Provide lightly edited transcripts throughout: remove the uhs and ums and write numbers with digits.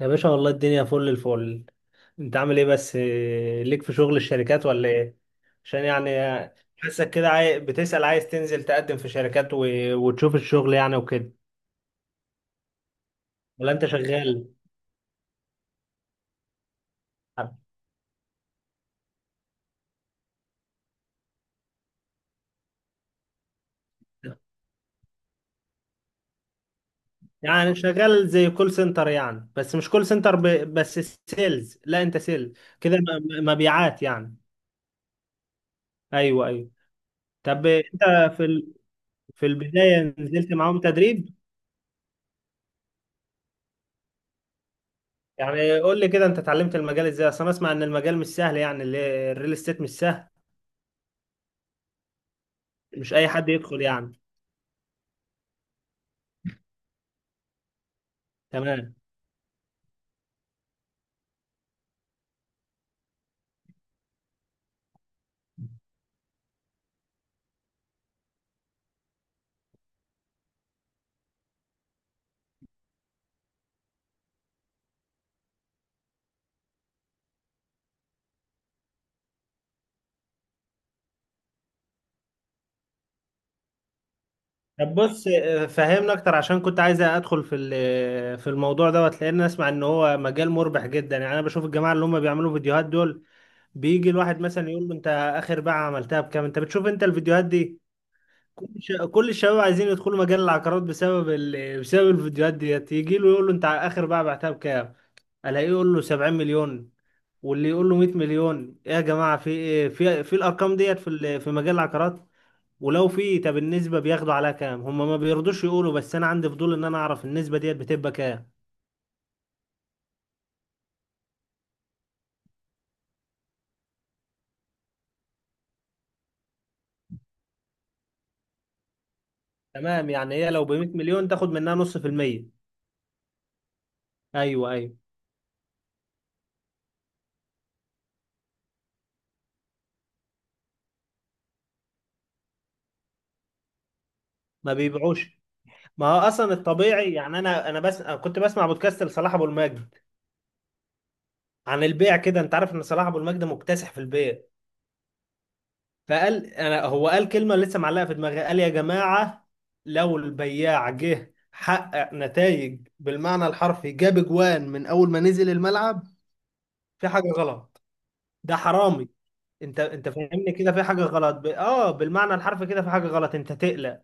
يا باشا والله الدنيا فل الفل. انت عامل ايه؟ بس إيه، ليك في شغل الشركات ولا ايه؟ عشان يعني حاسك كده بتسأل عايز تنزل تقدم في وتشوف الشغل يعني وكده، ولا انت شغال؟ يعني شغال زي كول سنتر، يعني بس مش كول بس سيلز، لا انت سيلز كده، مبيعات يعني. ايوه ايوه. طب انت في ال... في البداية نزلت معاهم تدريب؟ يعني قول لي كده انت اتعلمت المجال ازاي، اصل انا اسمع ان المجال مش سهل، يعني الريل استيت مش سهل، مش اي حد يدخل يعني. تمام. طب بص، فهمنا اكتر، عشان كنت عايز ادخل في الموضوع دوت، لان اسمع ان هو مجال مربح جدا. يعني انا بشوف الجماعه اللي هم بيعملوا فيديوهات دول، بيجي الواحد مثلا يقول له انت اخر بيعه عملتها بكام. انت بتشوف انت الفيديوهات دي؟ كل الشباب عايزين يدخلوا مجال العقارات بسبب بسبب الفيديوهات ديت. يجي له يقول له انت اخر بيعه بعتها بكام، الاقيه يقول له 70 مليون، واللي يقول له 100 مليون. ايه يا جماعه في إيه؟ في الارقام ديت في مجال العقارات؟ ولو في، طب النسبة بياخدوا عليها كام؟ هم ما بيرضوش يقولوا، بس انا عندي فضول ان انا اعرف النسبة ديت بتبقى كام. تمام، يعني هي لو ب 100 مليون تاخد منها نص في المية. ايوه ايوه. ما بيبيعوش. ما هو اصلا الطبيعي، يعني انا انا بس أنا كنت بسمع بودكاست لصلاح ابو المجد عن البيع كده. انت عارف ان صلاح ابو المجد مكتسح في البيع، فقال انا، هو قال كلمة لسه معلقة في دماغي، قال يا جماعة، لو البياع جه حقق نتائج بالمعنى الحرفي، جاب جوان من اول ما نزل الملعب، في حاجة غلط، ده حرامي. انت فاهمني كده، في حاجه غلط، ب... اه بالمعنى الحرفي كده في حاجه غلط، انت تقلق.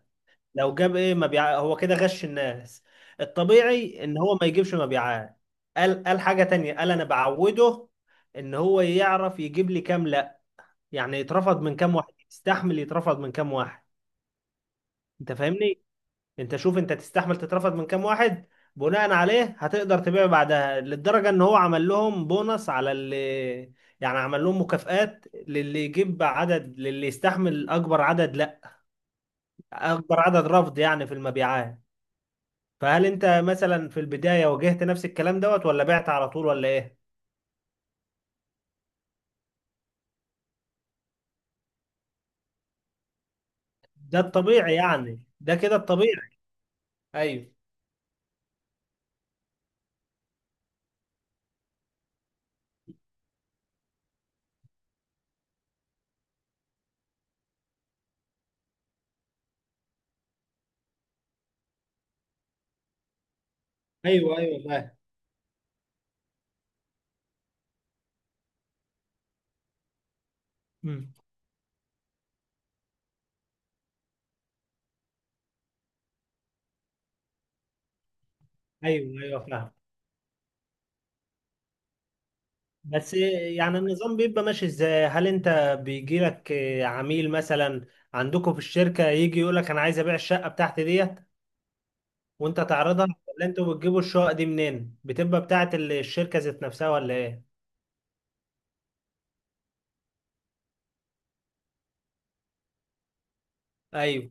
لو جاب ايه مبيع، هو كده غش الناس، الطبيعي ان هو ما يجيبش مبيعات. قال حاجه تانية، قال انا بعوده ان هو يعرف يجيب لي كام، لا، يعني يترفض من كام واحد، يستحمل يترفض من كام واحد. انت فاهمني، انت شوف انت تستحمل تترفض من كام واحد، بناء عليه هتقدر تبيع بعدها. للدرجة ان هو عمل لهم بونص على اللي، يعني عمل لهم مكافآت للي يجيب عدد، للي يستحمل اكبر عدد، لا، اكبر عدد رفض يعني في المبيعات. فهل انت مثلا في البداية واجهت نفس الكلام دوت، ولا بعت على طول ولا ايه؟ ده الطبيعي يعني، ده كده الطبيعي. ايوه. ايوه ايوه فاهم. مم. ايوه ايوه فاهم. بس يعني النظام بيبقى ماشي ازاي؟ هل انت بيجي لك عميل مثلا عندكم في الشركة، يجي يقول لك انا عايز ابيع الشقة بتاعتي ديت وانت تعرضها، ولا انتوا بتجيبوا الشقق دي منين؟ بتبقى بتاعت الشركة ذات نفسها ولا ايه؟ ايوه.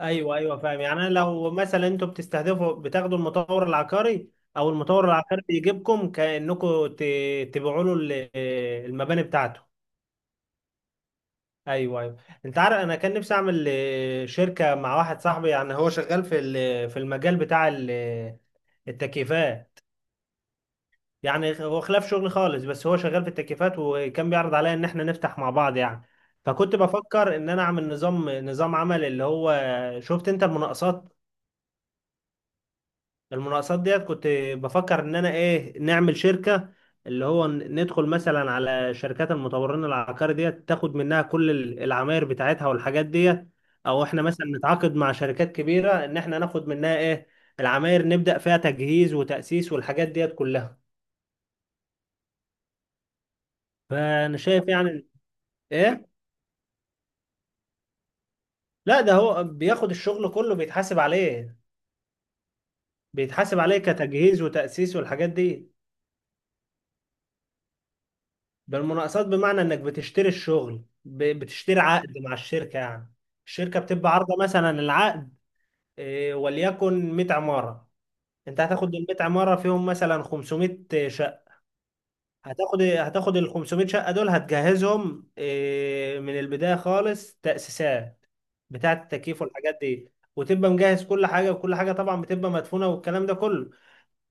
ايوه ايوه فاهم. يعني انا لو مثلا انتوا بتستهدفوا بتاخدوا المطور العقاري، او المطور العقاري يجيبكم كأنكم تبيعوا له المباني بتاعته. ايوه ايوه. انت عارف انا كان نفسي اعمل شركه مع واحد صاحبي، يعني هو شغال في المجال بتاع التكييفات، يعني هو خلاف شغلي خالص، بس هو شغال في التكييفات، وكان بيعرض عليا ان احنا نفتح مع بعض يعني. فكنت بفكر ان انا اعمل نظام، نظام عمل اللي هو، شفت انت المناقصات؟ المناقصات ديت كنت بفكر ان انا ايه نعمل شركة، اللي هو ندخل مثلا على شركات المطورين العقاري ديت، تاخد منها كل العماير بتاعتها والحاجات ديت، او احنا مثلا نتعاقد مع شركات كبيرة ان احنا ناخد منها ايه العماير، نبدأ فيها تجهيز وتأسيس والحاجات ديت كلها. فانا شايف يعني ايه. لا، ده هو بياخد الشغل كله بيتحاسب عليه، بيتحاسب عليه كتجهيز وتأسيس والحاجات دي. بالمناقصات بمعنى انك بتشتري بتشتري عقد مع الشركة يعني. الشركة بتبقى عارضة مثلا العقد وليكن 100 عمارة، انت هتاخد ال 100 عمارة فيهم مثلا 500 شقة. هتاخد ال 500 شقة دول، هتجهزهم من البداية خالص، تأسيسات بتاعة التكييف والحاجات دي، وتبقى مجهز كل حاجة، وكل حاجة طبعا بتبقى مدفونة والكلام ده كله،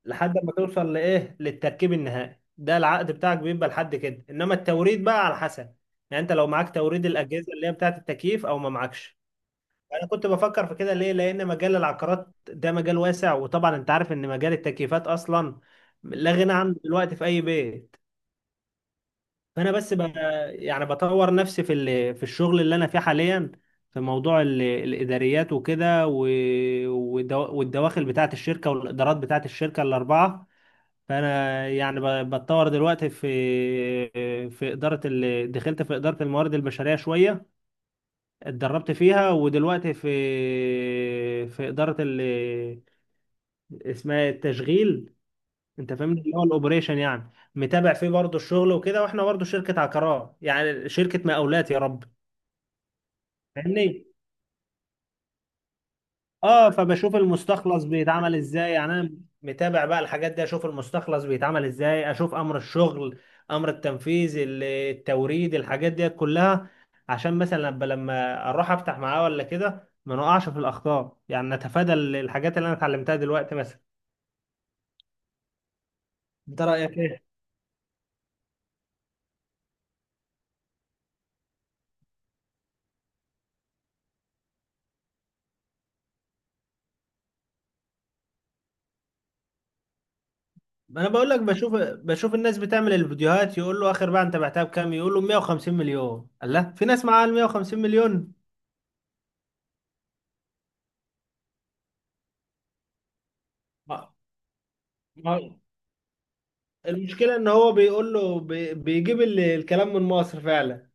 لحد ما توصل لايه للتركيب النهائي. ده العقد بتاعك بيبقى لحد كده، انما التوريد بقى على حسب، يعني انت لو معاك توريد الاجهزه اللي هي بتاعه التكييف او ما معكش. انا كنت بفكر في كده ليه، لان مجال العقارات ده مجال واسع، وطبعا انت عارف ان مجال التكييفات اصلا لا غنى عنه دلوقتي في اي بيت. فانا بس ب... يعني بطور نفسي في الشغل اللي انا فيه حاليا، في موضوع الاداريات والدواخل بتاعه الشركه، والادارات بتاعه الشركه الاربعه. فانا يعني بتطور دلوقتي في، دخلت في اداره الموارد البشريه شويه، اتدربت فيها، ودلوقتي في، في اداره ال... اسمها التشغيل. انت فاهمني، اللي هو الاوبريشن، يعني متابع فيه برضه الشغل وكده، واحنا برضه شركه عقارات يعني شركه مقاولات، يا رب. فاهمني؟ اه، فبشوف المستخلص بيتعمل ازاي، يعني انا متابع بقى الحاجات دي، اشوف المستخلص بيتعمل ازاي، اشوف امر الشغل، امر التنفيذ، التوريد، الحاجات دي كلها، عشان مثلا لما اروح افتح معاه ولا كده ما نقعش في الاخطاء، يعني نتفادى الحاجات اللي انا اتعلمتها دلوقتي مثلا. انت رايك ايه؟ انا بقول لك، بشوف الناس بتعمل الفيديوهات يقول له اخر بقى انت بعتها بكام، يقول له 150 مليون. الله، في ناس معاها ال 150 مليون؟ ما المشكلة ان هو بيقول له بيجيب الكلام من مصر فعلا.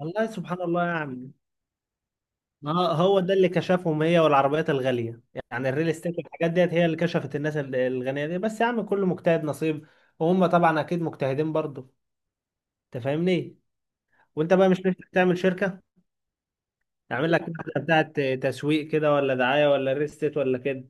والله سبحان الله يا عم. ما هو هو ده اللي كشفهم، هي والعربيات الغالية، يعني الريل استيت والحاجات ديت هي اللي كشفت الناس الغنية دي. بس يا عم كل مجتهد نصيب، وهم طبعا اكيد مجتهدين برضه. انت فاهمني؟ وانت بقى مش نفسك تعمل شركة، تعمل لك واحدة بتاعت تسويق كده، ولا دعاية، ولا ريل استيت، ولا كده؟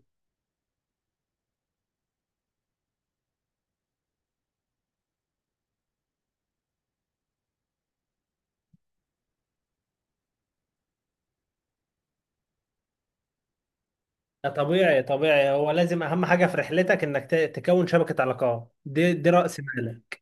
ده طبيعي طبيعي، هو لازم اهم حاجة في رحلتك، انك تكون شبكة علاقات، دي رأس مالك.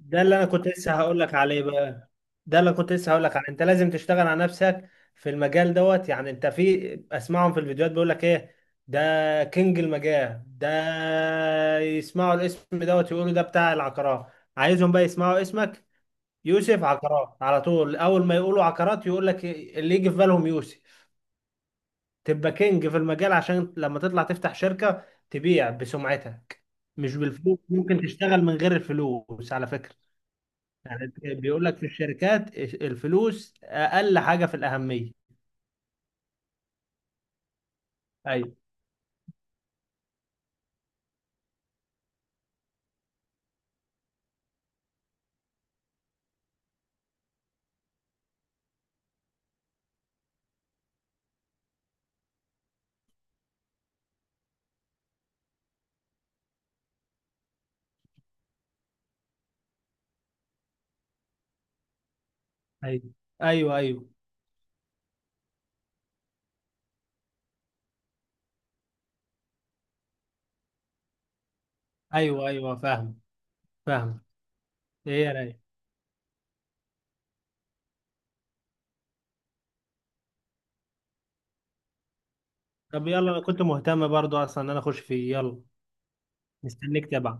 ده اللي انا كنت لسه هقول لك عليه بقى، ده اللي كنت لسه هقول لك عليه، انت لازم تشتغل على نفسك في المجال دوت. يعني انت في اسمعهم في الفيديوهات بيقول لك ايه، ده كينج المجال ده، يسمعوا الاسم دوت يقولوا ده بتاع العقارات. عايزهم بقى يسمعوا اسمك، يوسف عقارات، على طول اول ما يقولوا عقارات يقول لك اللي يجي في بالهم يوسف. تبقى كينج في المجال، عشان لما تطلع تفتح شركة تبيع بسمعتك، مش بالفلوس. ممكن تشتغل من غير الفلوس على فكرة، يعني بيقول لك في الشركات الفلوس اقل حاجه في الاهميه. ايوه ايوه. ايوه ايوه. ايوه ايوه فاهم. فاهم. ايه يا راي؟ طب يلا، انا كنت مهتم برضو اصلا ان انا اخش فيه، يلا. مستنيك تبع.